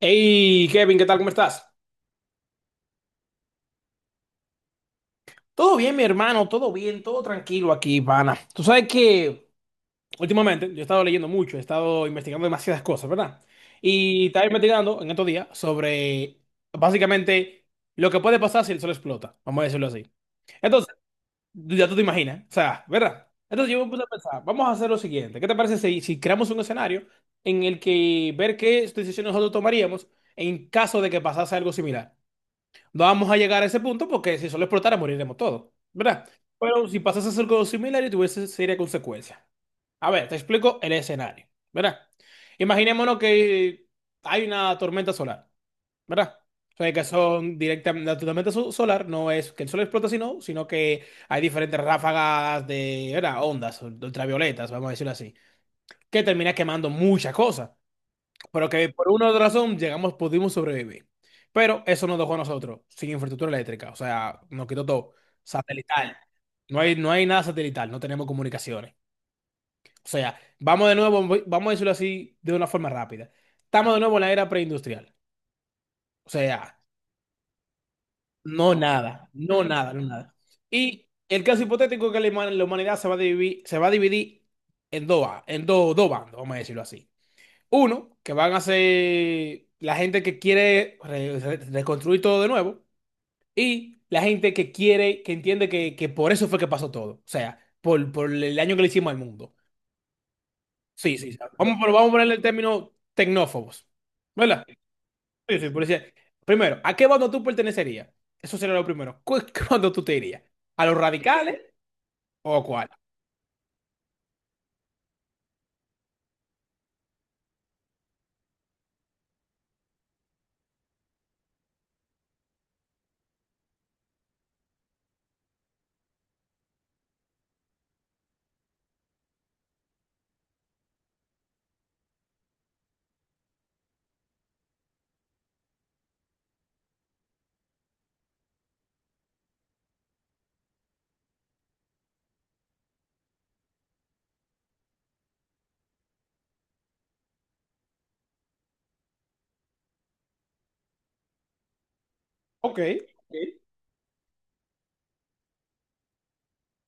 Hey Kevin, ¿qué tal? ¿Cómo estás? Todo bien, mi hermano, todo bien, todo tranquilo aquí, pana. Tú sabes que últimamente yo he estado leyendo mucho, he estado investigando demasiadas cosas, ¿verdad? Y estaba investigando en estos días sobre básicamente lo que puede pasar si el sol explota, vamos a decirlo así. Entonces, ya tú te imaginas, o sea, ¿verdad? Entonces yo me puse a pensar, vamos a hacer lo siguiente, ¿qué te parece si, si creamos un escenario en el que ver qué decisiones nosotros tomaríamos en caso de que pasase algo similar? No vamos a llegar a ese punto porque si solo explotara moriremos todos, ¿verdad? Pero si pasase algo similar y tuviese seria consecuencia. A ver, te explico el escenario, ¿verdad? Imaginémonos que hay una tormenta solar, ¿verdad? O sea, que son directamente, la tormenta solar no es que el sol explota, sino que hay diferentes ráfagas de, ¿verdad? Ondas ultravioletas, vamos a decirlo así, que termina quemando muchas cosas. Pero que por una u otra razón llegamos, pudimos sobrevivir. Pero eso nos dejó a nosotros sin infraestructura eléctrica. O sea, nos quitó todo. Satelital. No hay nada satelital, no tenemos comunicaciones. O sea, vamos de nuevo, vamos a decirlo así de una forma rápida. Estamos de nuevo en la era preindustrial. O sea, no nada, no nada, no nada. Y el caso hipotético es que la la humanidad se va a dividir, se va a dividir en dos, en dos, dos bandos, vamos a decirlo así. Uno, que van a ser la gente que quiere reconstruir todo de nuevo. Y la gente que quiere, que entiende que por eso fue que pasó todo. O sea, por el daño que le hicimos al mundo. Sí, sí, sí. Vamos, pero vamos a ponerle el término tecnófobos. ¿Verdad? Sí, sí, primero, ¿a qué bando tú pertenecerías? Eso sería lo primero. ¿Qué bando tú te irías? ¿A los radicales o a cuál? Ok.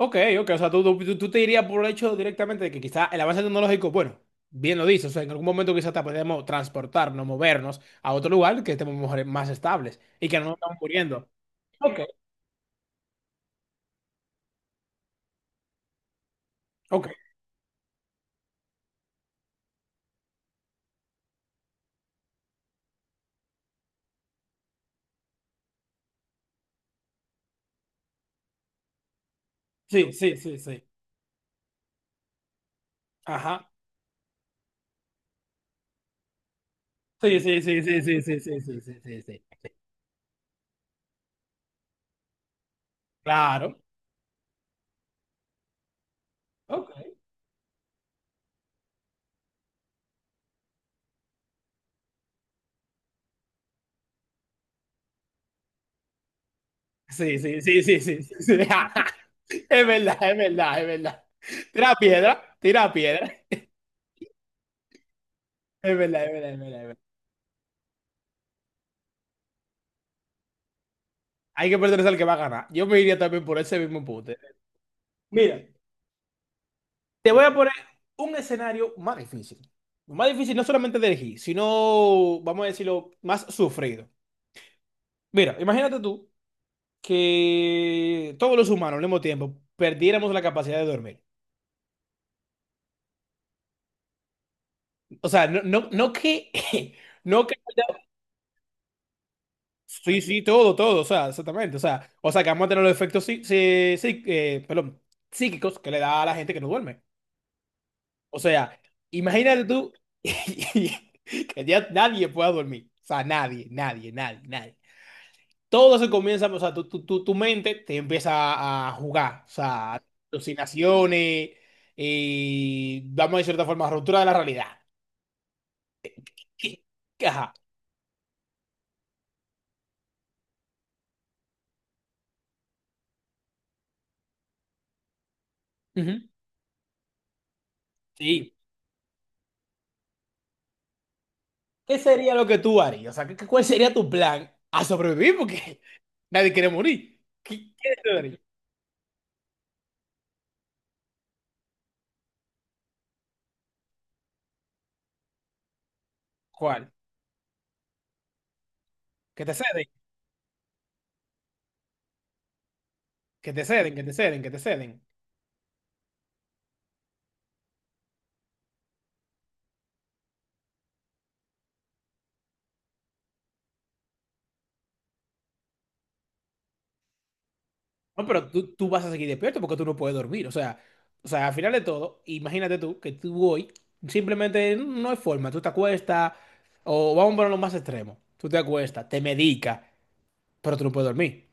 Ok, ok, o sea, tú te dirías por el hecho directamente de que quizá el avance tecnológico, bueno, bien lo dices, o sea, en algún momento quizá te podemos transportarnos, movernos a otro lugar que estemos más estables y que no nos estamos muriendo. Ok, ok, sí, sí, sí, sí, ajá, sí, sí, sí, sí, sí, sí, sí, sí, sí, sí, sí, claro, ok, sí, sí, sí, sí, sí, sí, sí, es verdad, es verdad, es verdad, tira piedra, es verdad, es verdad, es verdad, es verdad. Hay que perderse al que va a ganar, yo me iría también por ese mismo punto. Mira. Te voy a poner un escenario más difícil. Más difícil no solamente de elegir, sino, vamos a decirlo, más sufrido. Mira, imagínate tú que todos los humanos al mismo tiempo perdiéramos la capacidad de dormir. O sea, no, no, no que... No que... Sí, sí, todo, todo, o sea, exactamente. O sea, que vamos a tener los efectos sí, sí, perdón, psíquicos que le da a la gente que no duerme. O sea, imagínate tú que ya nadie pueda dormir. O sea, nadie, nadie, nadie, nadie. Todo se comienza, o sea, tu mente te empieza a jugar, o sea, alucinaciones, y vamos a decir de cierta forma, ruptura de la realidad. ¿Qué? Ajá. Ujú. Sí. ¿Qué sería lo que tú harías? O sea, ¿cuál sería tu plan a sobrevivir? Porque nadie quiere morir. ¿Qué, qué te daría? ¿Cuál? Que te ceden, que te ceden, que te ceden, que te ceden. No, pero tú vas a seguir despierto porque tú no puedes dormir. O sea, al final de todo, imagínate tú que tú hoy simplemente no hay forma. Tú te acuestas, o vamos a ponerlo más extremo. Tú te acuestas, te medicas, pero tú no puedes dormir.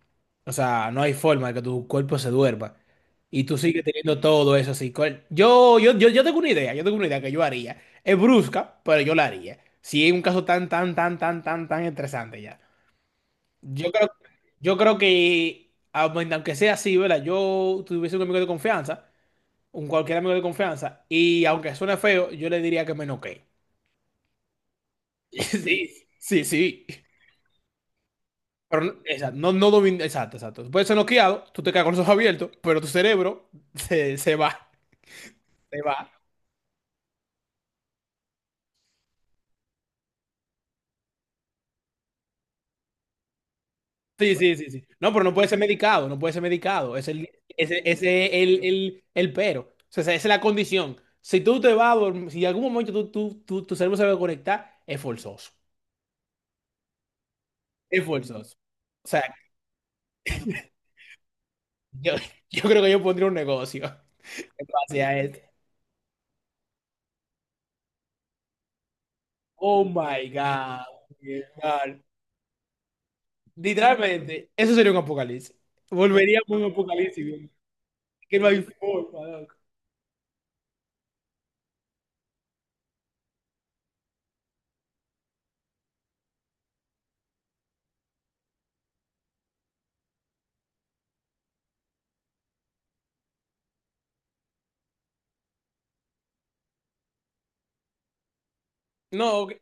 O sea, no hay forma de que tu cuerpo se duerma. Y tú sigues teniendo todo eso así. Yo tengo una idea, yo tengo una idea que yo haría. Es brusca, pero yo la haría. Si es un caso tan, tan, tan, tan, tan, tan estresante ya. Yo creo, yo creo que, aunque sea así, ¿verdad? Yo tuviese un amigo de confianza, un cualquier amigo de confianza, y aunque suene feo, yo le diría que me noquee. Sí, sí, sí. Pero no, exacto, no, exacto, exacto. Puedes ser noqueado, tú te quedas con los ojos abiertos, pero tu cerebro se va, se va. Sí, sí, sí, sí. No, pero no puede ser medicado, no puede ser medicado. Ese es el pero. O sea, esa es la condición. Si tú te vas a dormir, si en algún momento tu cerebro se va a conectar, es forzoso. Es forzoso. O sea, yo, yo creo que yo pondría un negocio en base a esto. Oh my God. Mi hermano. Literalmente, eso sería un apocalipsis. Volveríamos a un apocalipsis, viejo. Que no hay forma, loco. No, ok.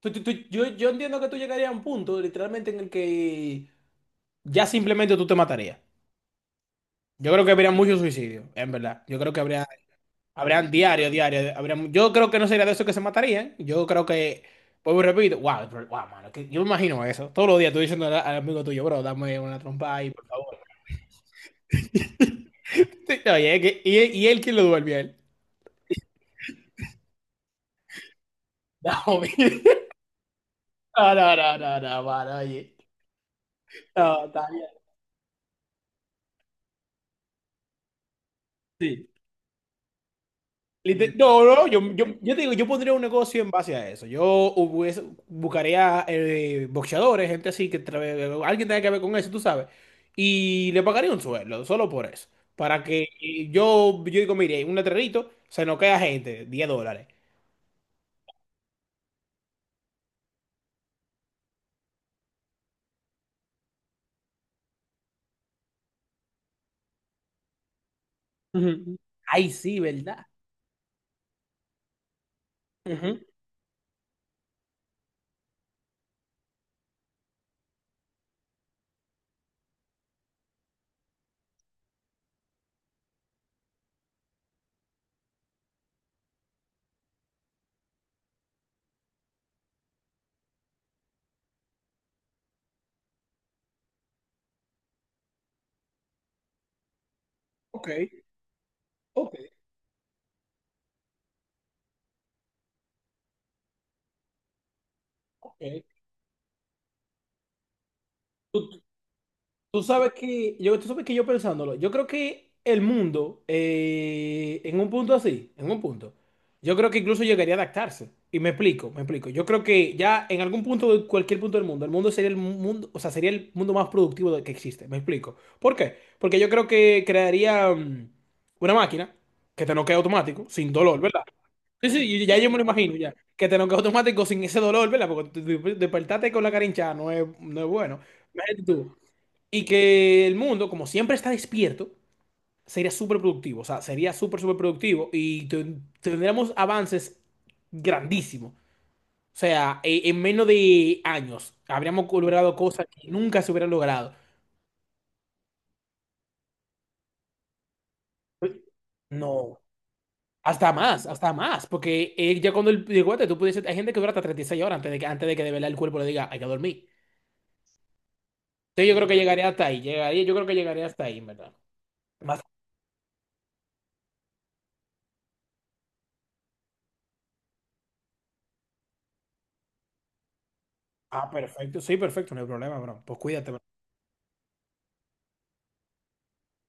Yo entiendo que tú llegarías a un punto, literalmente, en el que ya simplemente tú te matarías. Yo creo que habría muchos suicidios, en verdad. Yo creo que habría, habrían diario, diario, habría, yo creo que no sería de esos que se matarían. Yo creo que, vuelvo y repito, wow, bro, wow, mano, que yo me imagino eso. Todos los días tú diciendo al amigo tuyo, bro, dame una trompa ahí, por favor. Sí. Oye, y él quién lo duerme a él. No, mi- no, no, no, no, no, mano, oye. No, está bien. Sí. No, no, yo te digo, yo pondría un negocio en base a eso. Buscaría boxeadores, gente así, alguien tenga que ver con eso, tú sabes. Y le pagaría un sueldo, solo por eso. Para que yo, yo digo, mire, un letrerito, se nos queda gente, $10. Ujú. Ay, sí, ¿verdad? Ujú. Ok, ok, ok. Tú sabes que yo, tú sabes que yo pensándolo, yo creo que el mundo, en un punto así, en un punto, yo creo que incluso llegaría a adaptarse. Y me explico, me explico. Yo creo que ya en algún punto, de cualquier punto del mundo, el mundo sería el mundo, o sea, sería el mundo más productivo que existe. Me explico. ¿Por qué? Porque yo creo que crearía una máquina que te noquea automático, sin dolor, ¿verdad? Sí, sí, ya yo me lo imagino, ya. Que te noquea automático sin ese dolor, ¿verdad? Porque despertarte con la cara hinchada no es, no es bueno. Imagínate tú. Y que el mundo, como siempre está despierto, sería súper productivo. O sea, sería súper, súper productivo y tendríamos avances grandísimos. O sea, en menos de años habríamos logrado cosas que nunca se hubieran logrado. No, hasta más, hasta más. Porque ya cuando el guate, tú pudieses, hay gente que dura hasta 36 horas antes de que de verdad el cuerpo le diga, hay que dormir. Entonces yo creo que llegaría hasta ahí. Llegaría, yo creo que llegaría hasta ahí, en ¿verdad? Más- ah, perfecto. Sí, perfecto, no hay problema, bro. Pues cuídate, bro.